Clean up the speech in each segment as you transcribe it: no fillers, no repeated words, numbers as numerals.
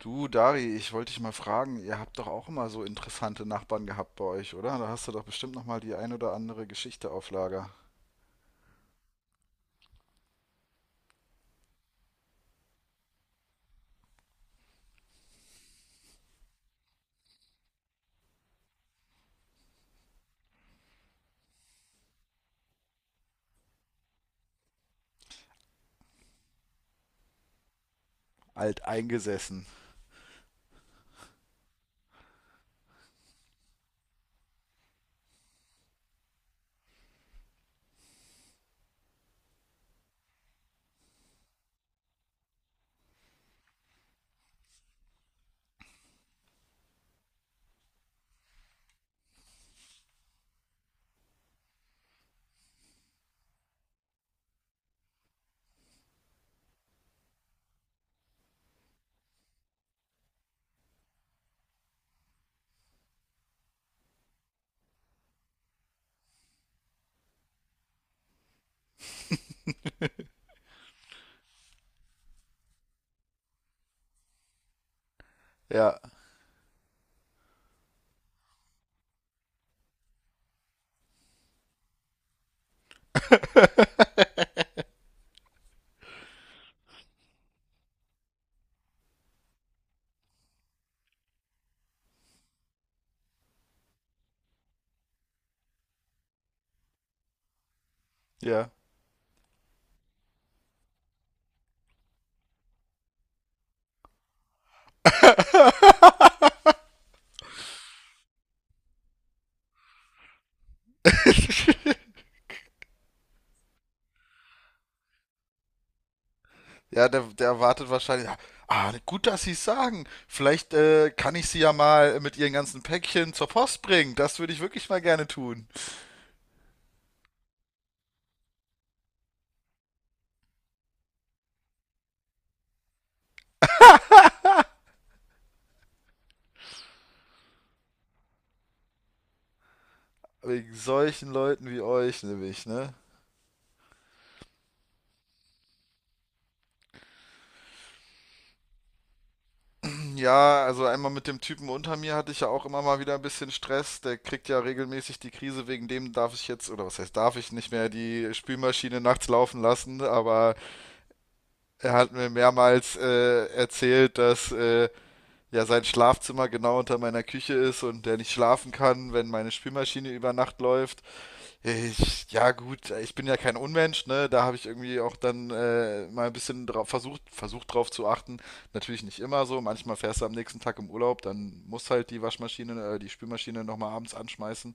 Du, Dari, ich wollte dich mal fragen, ihr habt doch auch immer so interessante Nachbarn gehabt bei euch, oder? Da hast du doch bestimmt noch mal die ein oder andere Geschichte auf Lager. Alt eingesessen. Ja, ja. Ja, der erwartet wahrscheinlich. Ah, ah, gut, dass Sie es sagen. Vielleicht kann ich Sie ja mal mit Ihren ganzen Päckchen zur Post bringen. Das würde ich wirklich mal gerne tun. Wegen solchen Leuten wie euch, nämlich, ne? Ja, also einmal mit dem Typen unter mir hatte ich ja auch immer mal wieder ein bisschen Stress. Der kriegt ja regelmäßig die Krise, wegen dem darf ich jetzt, oder was heißt, darf ich nicht mehr die Spülmaschine nachts laufen lassen, aber er hat mir mehrmals erzählt, dass ja sein Schlafzimmer genau unter meiner Küche ist und der nicht schlafen kann, wenn meine Spülmaschine über Nacht läuft. Ich, ja gut, ich bin ja kein Unmensch, ne? Da habe ich irgendwie auch dann mal ein bisschen drauf versucht drauf zu achten. Natürlich nicht immer so. Manchmal fährst du am nächsten Tag im Urlaub, dann muss halt die Waschmaschine, die Spülmaschine nochmal abends anschmeißen.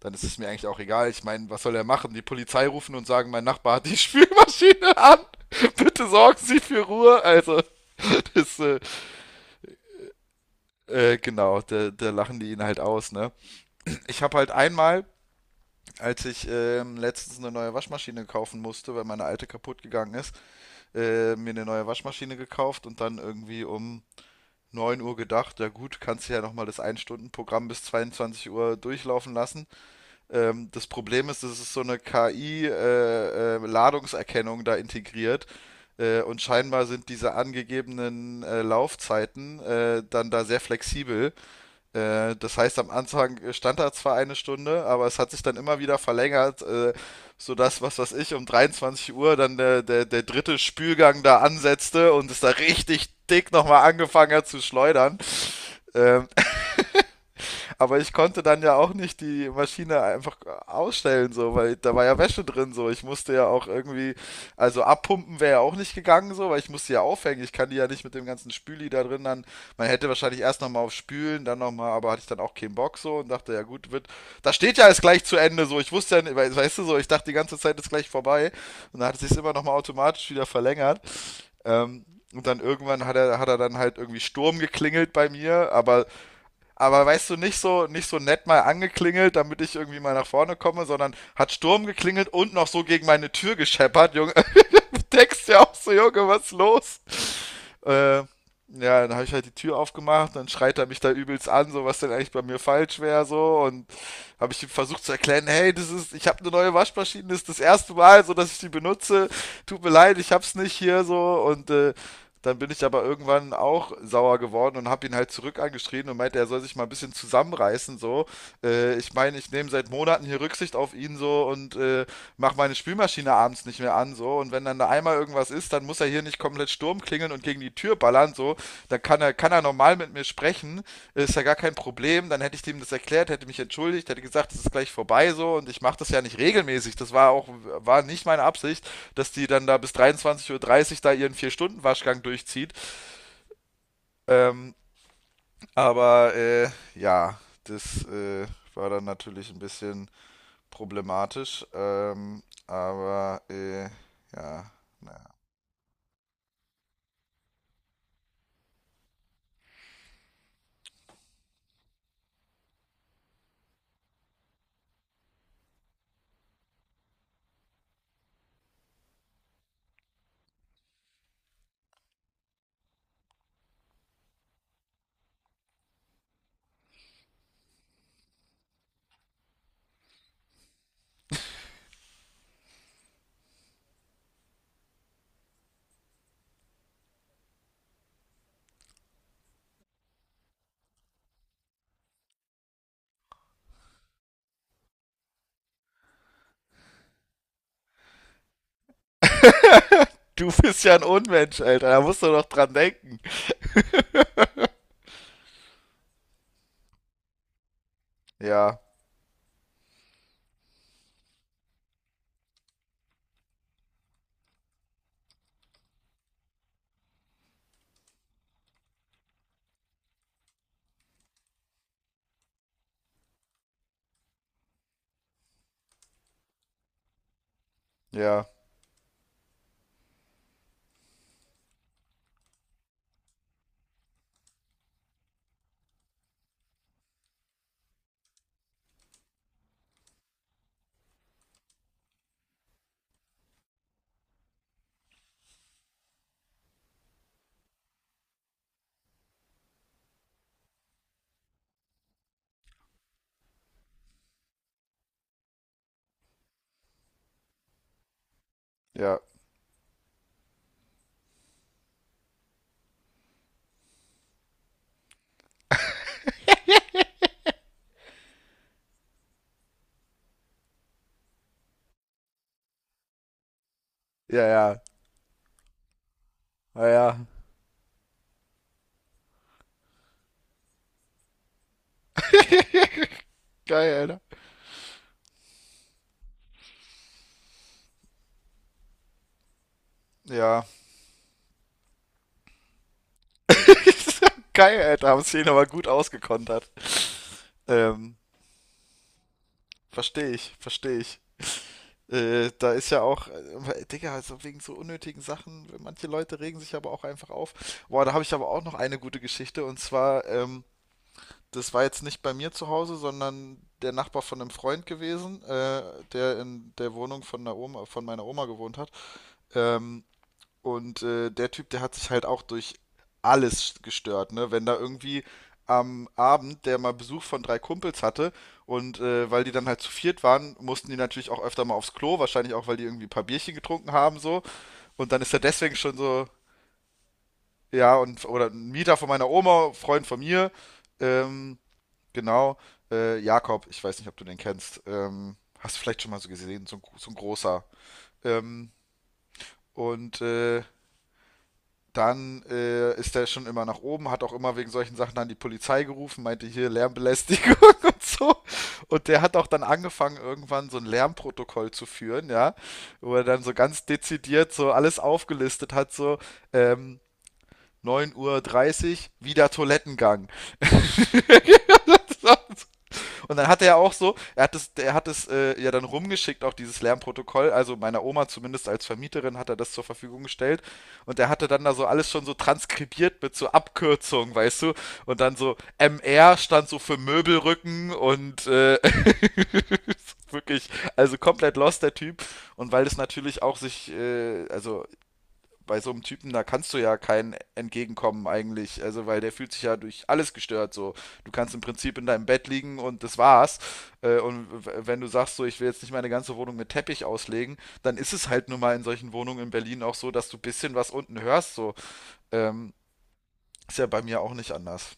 Dann ist es mir eigentlich auch egal. Ich meine, was soll er machen? Die Polizei rufen und sagen, mein Nachbar hat die Spülmaschine an. Bitte sorgen Sie für Ruhe. Also, das, genau, da lachen die ihn halt aus, ne? Ich habe halt einmal als ich letztens eine neue Waschmaschine kaufen musste, weil meine alte kaputt gegangen ist, mir eine neue Waschmaschine gekauft und dann irgendwie um 9 Uhr gedacht, ja gut, kannst du ja nochmal das 1-Stunden-Programm bis 22 Uhr durchlaufen lassen. Das Problem ist, es ist so eine KI-Ladungserkennung da integriert. Und scheinbar sind diese angegebenen Laufzeiten dann da sehr flexibel. Das heißt, am Anfang stand da zwar eine Stunde, aber es hat sich dann immer wieder verlängert, sodass, was weiß ich, um 23 Uhr dann der dritte Spülgang da ansetzte und es da richtig dick nochmal angefangen hat zu schleudern. Ähm, aber ich konnte dann ja auch nicht die Maschine einfach ausstellen, so, weil da war ja Wäsche drin, so. Ich musste ja auch irgendwie, also abpumpen wäre ja auch nicht gegangen, so, weil ich musste ja aufhängen. Ich kann die ja nicht mit dem ganzen Spüli da drin dann. Man hätte wahrscheinlich erst nochmal auf Spülen, dann nochmal, aber hatte ich dann auch keinen Bock, so, und dachte, ja gut, wird, da steht ja alles gleich zu Ende, so. Ich wusste ja, nicht, weißt du, so, ich dachte, die ganze Zeit ist gleich vorbei. Und dann hat es sich immer nochmal automatisch wieder verlängert. Ähm, und dann irgendwann hat er dann halt irgendwie Sturm geklingelt bei mir, aber weißt du, nicht so, nicht so nett mal angeklingelt, damit ich irgendwie mal nach vorne komme, sondern hat Sturm geklingelt und noch so gegen meine Tür gescheppert, Junge. Denkst ja auch so, Junge, was ist los? Äh, ja, dann habe ich halt die Tür aufgemacht, dann schreit er mich da übelst an, so was denn eigentlich bei mir falsch wäre, so und habe ich ihm versucht zu erklären, hey, das ist, ich habe eine neue Waschmaschine, das ist das erste Mal, so dass ich die benutze, tut mir leid, ich hab's nicht hier so und dann bin ich aber irgendwann auch sauer geworden und habe ihn halt zurück angeschrien und meinte, er soll sich mal ein bisschen zusammenreißen, so. Ich meine, ich nehme seit Monaten hier Rücksicht auf ihn so und mache meine Spülmaschine abends uns nicht mehr an, so. Und wenn dann da einmal irgendwas ist, dann muss er hier nicht komplett Sturm klingeln und gegen die Tür ballern, so. Dann kann er normal mit mir sprechen, ist ja gar kein Problem. Dann hätte ich dem das erklärt, hätte mich entschuldigt, hätte gesagt, es ist gleich vorbei, so. Und ich mache das ja nicht regelmäßig. Das war auch, war nicht meine Absicht, dass die dann da bis 23:30 Uhr da ihren Vier-Stunden-Waschgang durchzieht. Ähm, aber, ja, das, war dann natürlich ein bisschen problematisch, aber ja, na, Du bist ja ein Unmensch, Alter. Da musst du doch dran denken. Ja, ja, ja. Ja, ja. Ja, ja. Geil, Alter. Ja. Geil, Alter. Haben sie ihn aber gut ausgekontert. Ähm, verstehe ich, verstehe ich. Da ist ja auch, Digga, also wegen so unnötigen Sachen, manche Leute regen sich aber auch einfach auf. Boah, da habe ich aber auch noch eine gute Geschichte und zwar, das war jetzt nicht bei mir zu Hause, sondern der Nachbar von einem Freund gewesen, der in der Wohnung von der Oma, von meiner Oma gewohnt hat. Ähm, und der Typ, der hat sich halt auch durch alles gestört, ne? Wenn da irgendwie am Abend der mal Besuch von drei Kumpels hatte und weil die dann halt zu viert waren, mussten die natürlich auch öfter mal aufs Klo, wahrscheinlich auch, weil die irgendwie ein paar Bierchen getrunken haben so. Und dann ist er deswegen schon so, ja, und oder ein Mieter von meiner Oma, Freund von mir, ähm, genau, Jakob, ich weiß nicht, ob du den kennst, hast du vielleicht schon mal so gesehen, so ein großer. Ähm, und dann ist er schon immer nach oben, hat auch immer wegen solchen Sachen dann die Polizei gerufen, meinte hier Lärmbelästigung und so. Und der hat auch dann angefangen, irgendwann so ein Lärmprotokoll zu führen, ja, wo er dann so ganz dezidiert so alles aufgelistet hat, so ähm, 9.30 Uhr, dreißig, wieder Toilettengang. so, und dann hat er ja auch so, er hat es ja dann rumgeschickt, auch dieses Lärmprotokoll. Also meiner Oma zumindest als Vermieterin hat er das zur Verfügung gestellt. Und er hatte dann da so alles schon so transkribiert mit so Abkürzungen, weißt du? Und dann so MR stand so für Möbelrücken und wirklich, also komplett lost der Typ. Und weil das natürlich auch sich, also bei so einem Typen, da kannst du ja kein Entgegenkommen eigentlich, also weil der fühlt sich ja durch alles gestört so. Du kannst im Prinzip in deinem Bett liegen und das war's. Und wenn du sagst so, ich will jetzt nicht meine ganze Wohnung mit Teppich auslegen, dann ist es halt nun mal in solchen Wohnungen in Berlin auch so, dass du ein bisschen was unten hörst so. Ähm, ist ja bei mir auch nicht anders.